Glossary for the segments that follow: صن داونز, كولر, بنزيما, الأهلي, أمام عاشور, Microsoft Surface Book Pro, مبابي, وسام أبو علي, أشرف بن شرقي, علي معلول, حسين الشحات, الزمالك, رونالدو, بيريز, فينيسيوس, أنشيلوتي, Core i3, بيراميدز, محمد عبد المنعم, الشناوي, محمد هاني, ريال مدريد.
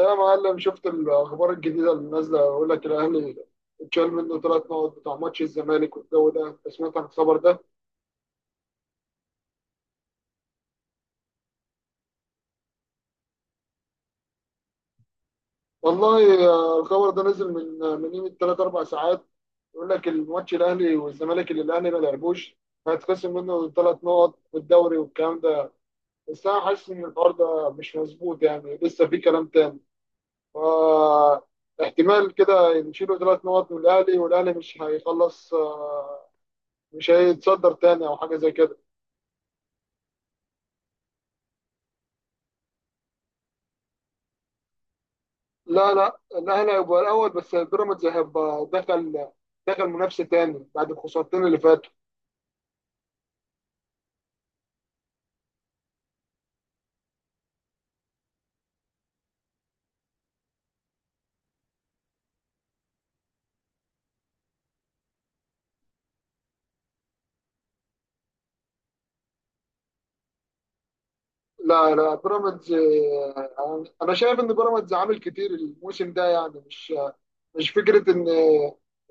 يا معلم، شفت الاخبار الجديده اللي نازله؟ يقول لك الاهلي اتشال منه 3 نقط بتاع ماتش الزمالك والجو ده. انت سمعت عن الخبر ده؟ والله، الخبر ده نزل من قيمه ثلاث اربع ساعات. يقول لك الماتش الاهلي والزمالك اللي الاهلي ما لعبوش، هيتخصم منه 3 نقط والدوري والكلام ده. بس انا حاسس ان الحوار ده مش مظبوط، يعني لسه في كلام تاني. فا احتمال كده يشيلوا 3 نقط من الاهلي، والاهلي مش هيخلص، مش هيتصدر تاني او حاجه زي كده. لا، لا، الاهلي هيبقى الاول، بس بيراميدز هيبقى دخل منافسه تاني بعد الخسارتين اللي فاتوا. لا، لا، بيراميدز، انا شايف ان بيراميدز عامل كتير الموسم ده. يعني مش فكره ان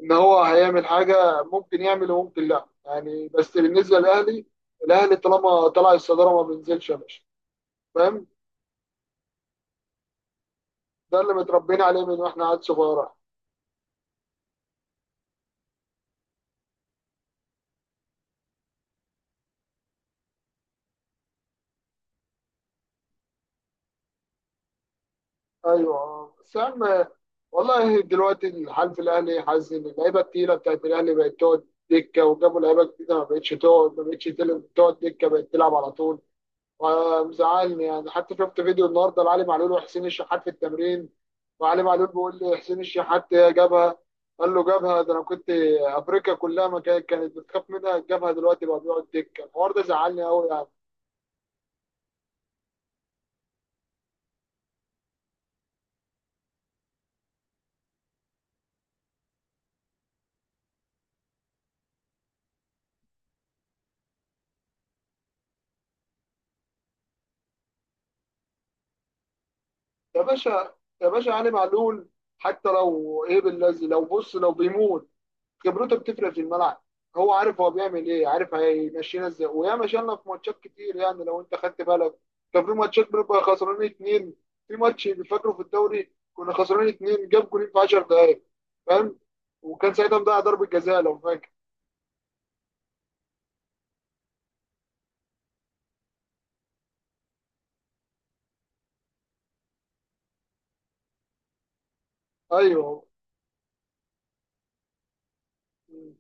ان هو هيعمل حاجه، ممكن يعمل وممكن لا. يعني بس بالنسبه للاهلي، الاهلي طالما طلع الصداره ما بينزلش يا باشا، فاهم؟ ده اللي متربيين عليه من واحنا عيال صغيره. ايوه سام. والله دلوقتي الحال في الاهلي، حاسس ان اللعيبه التقيله بتاعت الاهلي بقت تقعد دكه، وجابوا لعيبه جديده ما بقتش تقعد ما بقتش تل- تقعد دكه، بقت تلعب على طول. ومزعلني. يعني حتى شفت فيديو النهارده لعلي معلول وحسين الشحات في التمرين. وعلي معلول بيقول لي حسين الشحات جابها. قال له جابها ده انا كنت، افريقيا كلها ما كانت بتخاف منها. جابها دلوقتي بقى بيقعد دكه؟ الحوار ده زعلني قوي يعني. يا باشا، يا باشا، علي معلول حتى لو ايه بالذي، لو بص لو بيموت، خبرته بتفرق في الملعب. هو عارف هو بيعمل ايه، عارف هيمشينا ازاي، ويا مشينا في ماتشات كتير. يعني لو انت خدت بالك، كان في ماتشات بنبقى خسرانين اتنين. في ماتش فاكره في الدوري كنا خسرانين اتنين، جاب جولين في 10 دقايق، فاهم؟ وكان ساعتها مضيع ضربة جزاء لو فاكر. ايوه. م.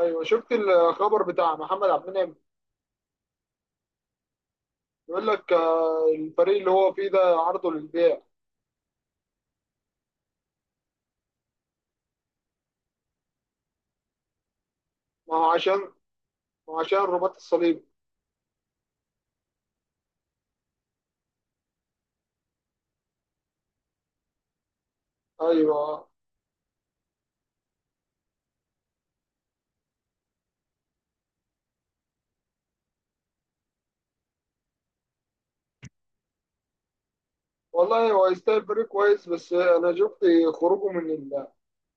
ايوه، شفت الخبر بتاع محمد عبد المنعم؟ بيقول لك، الفريق اللي هو فيه ده عرضه للبيع. ما هو عشان ما هو عشان رباط الصليب. ايوه. والله هو يستاهل فريق كويس. بس انا شفت خروجه من ال...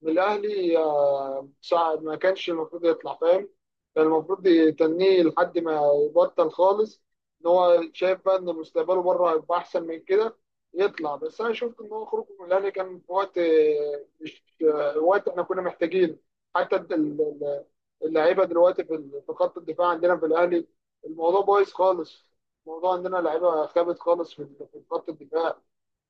من الاهلي، صعب. ما كانش المفروض يطلع، فاهم؟ كان المفروض يتنيه لحد ما يبطل خالص. ان هو شايف بقى ان مستقبله بره هيبقى احسن من كده يطلع. بس انا شفت ان هو خروجه من الاهلي كان في وقت، مش وقت احنا كنا محتاجينه. حتى اللعيبه دلوقتي في خط الدفاع عندنا في الاهلي، الموضوع بايظ خالص. الموضوع عندنا لعيبه خابت خالص في خط الدفاع.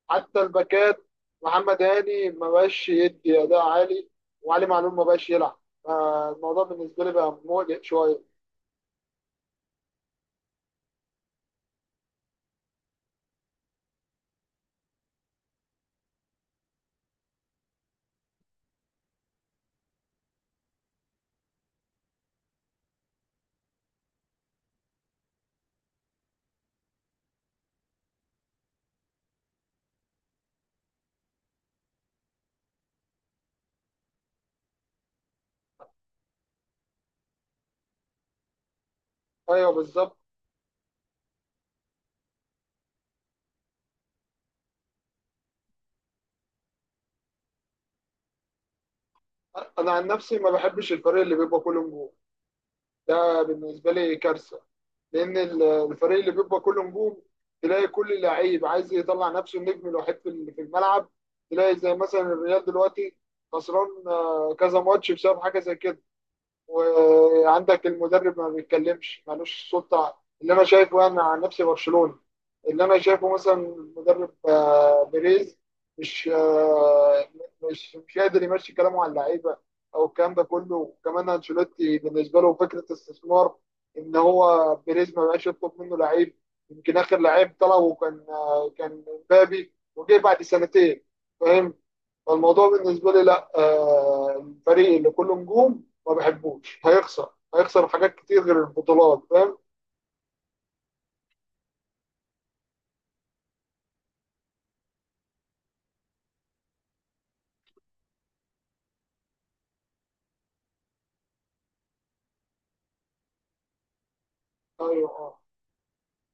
حتى الباكات، محمد هاني ما بقاش يدي اداء عالي. وعلي معلول ما بقاش يلعب. فالموضوع بالنسبه لي بقى مقلق شويه. ايوه، بالظبط. انا عن نفسي ما بحبش الفريق اللي بيبقى كله نجوم. ده بالنسبه لي كارثه، لان الفريق اللي بيبقى كله نجوم تلاقي كل لعيب عايز يطلع نفسه النجم الوحيد في الملعب. تلاقي زي مثلا الريال دلوقتي خسران، كذا ماتش بسبب حاجه زي كده. وعندك المدرب ما بيتكلمش، مالوش سلطة. اللي أنا شايفه، أنا عن نفسي برشلوني، اللي أنا شايفه مثلا المدرب، بيريز مش آه، مش مش قادر يمشي كلامه على اللعيبة أو الكلام ده كله. وكمان أنشيلوتي بالنسبة له فكرة استثمار، إن هو بيريز ما بقاش يطلب منه لعيب. يمكن آخر لعيب طلبه كان مبابي، وجه بعد سنتين، فاهم؟ فالموضوع بالنسبه لي، لا، الفريق اللي كله نجوم ما بحبوش. هيخسر حاجات كتير غير البطولات، فاهم؟ ايوه، اه،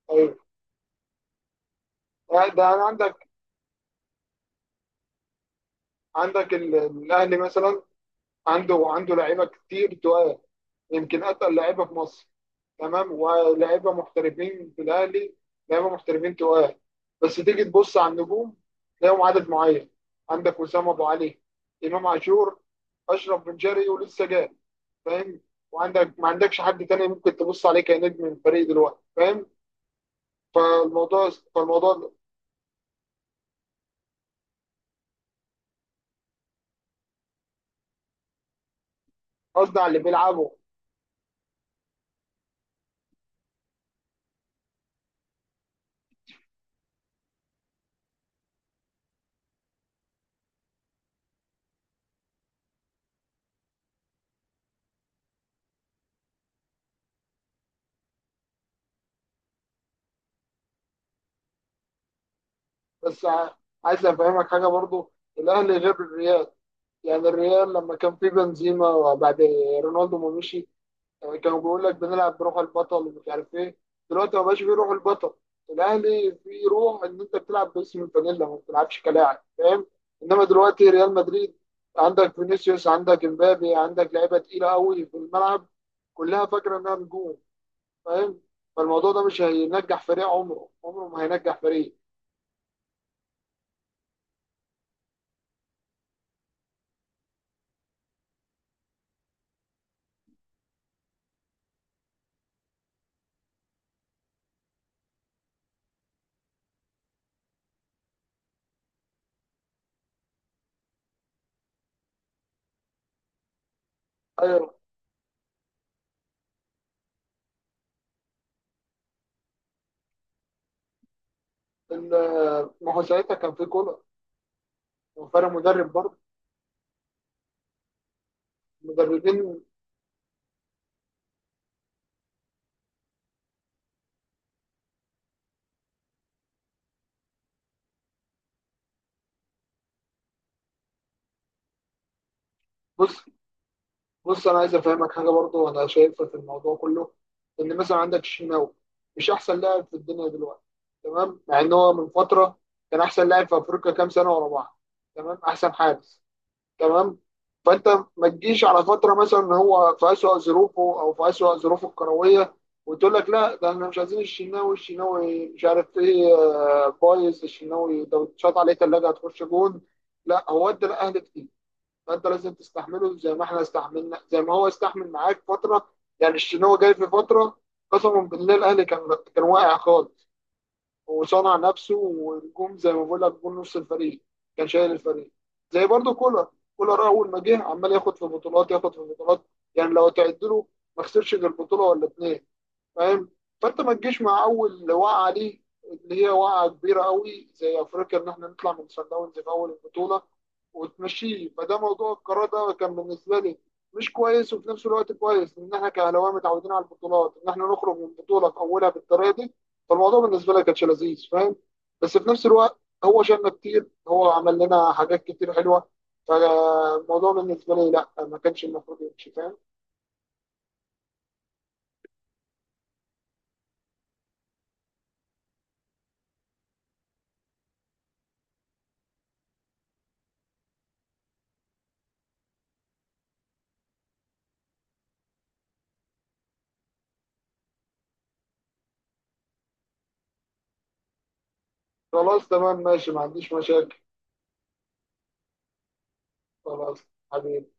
ايوه. ده انا عندك. عندك الاهلي مثلا عنده لعيبه كتير تقال، يمكن اتقل لعيبه في مصر، تمام. ولاعيبه محترفين في الاهلي، لعيبه محترفين تقال. بس تيجي تبص على النجوم، تلاقيهم عدد معين. عندك وسام ابو علي، امام عاشور، اشرف بن شرقي ولسه جاي، فاهم؟ وعندك ما عندكش حد تاني ممكن تبص عليه كنجم من الفريق دلوقتي، فاهم؟ فالموضوع فالموضوع، قصدي على اللي بيلعبه. بس ع- عايز افهمك حاجه برضو، الاهلي غير الريال. يعني الريال لما كان في بنزيما وبعد رونالدو ما مشي، يعني كانوا بيقول لك بنلعب بروح البطل ومش عارف ايه. دلوقتي ما بقاش في روح البطل. الاهلي في روح ان انت بتلعب باسم الفانيلا، ما بتلعبش كلاعب، فاهم؟ انما دلوقتي ريال مدريد عندك فينيسيوس، عندك امبابي، عندك لعيبه تقيله قوي في الملعب كلها فاكره انها نجوم، فاهم؟ فالموضوع ده مش هينجح فريق، عمره عمره ما هينجح فريق. ايوه. ال- ما هو ساعتها كان في كولر، وفرق مدرب برضه، مدربين. بص، بص، انا عايز افهمك حاجه برضه انا شايفها في الموضوع كله. ان مثلا عندك الشناوي مش احسن لاعب في الدنيا دلوقتي، تمام، مع ان هو من فتره كان احسن لاعب في افريقيا كام سنه ورا بعض، تمام، احسن حارس، تمام. فانت ما تجيش على فتره مثلا ان هو في اسوأ ظروفه او في اسوأ ظروفه الكرويه، وتقول لك لا، ده احنا مش عايزين الشناوي مش عارف ايه، بايظ، الشناوي ده اتشاط عليه ثلاجه هتخش جون. لا، هو ادى الاهلي كتير. فانت لازم تستحمله زي ما احنا استحملنا زي ما هو استحمل معاك فتره. يعني الشناوي جاي في فتره قسما بالله الاهلي كان واقع خالص، وصنع نفسه ونجوم. زي ما بقول لك جون، نص الفريق كان شايل الفريق. زي برضه كولر. كولر اول ما جه عمال ياخد في بطولات، ياخد في بطولات. يعني لو تعد له ما خسرش غير بطوله ولا اتنين، فاهم؟ فانت ما تجيش مع اول وقعه ليه اللي هي وقعه كبيره قوي زي افريقيا ان احنا نطلع من صن داونز في اول البطوله وتمشيه. فده موضوع. القرار ده كان بالنسبه لي مش كويس، وفي نفس الوقت كويس ان احنا كاهلاويه متعودين على البطولات، ان احنا نخرج من بطوله في اولها بالطريقه دي. فالموضوع بالنسبه لي كانش لذيذ، فاهم؟ بس في نفس الوقت هو شالنا كتير، هو عمل لنا حاجات كتير حلوه. فالموضوع بالنسبه لي، لا، ما كانش المفروض يمشي، فاهم؟ خلاص، تمام، ماشي، ما عنديش مشاكل. خلاص، حبيبي.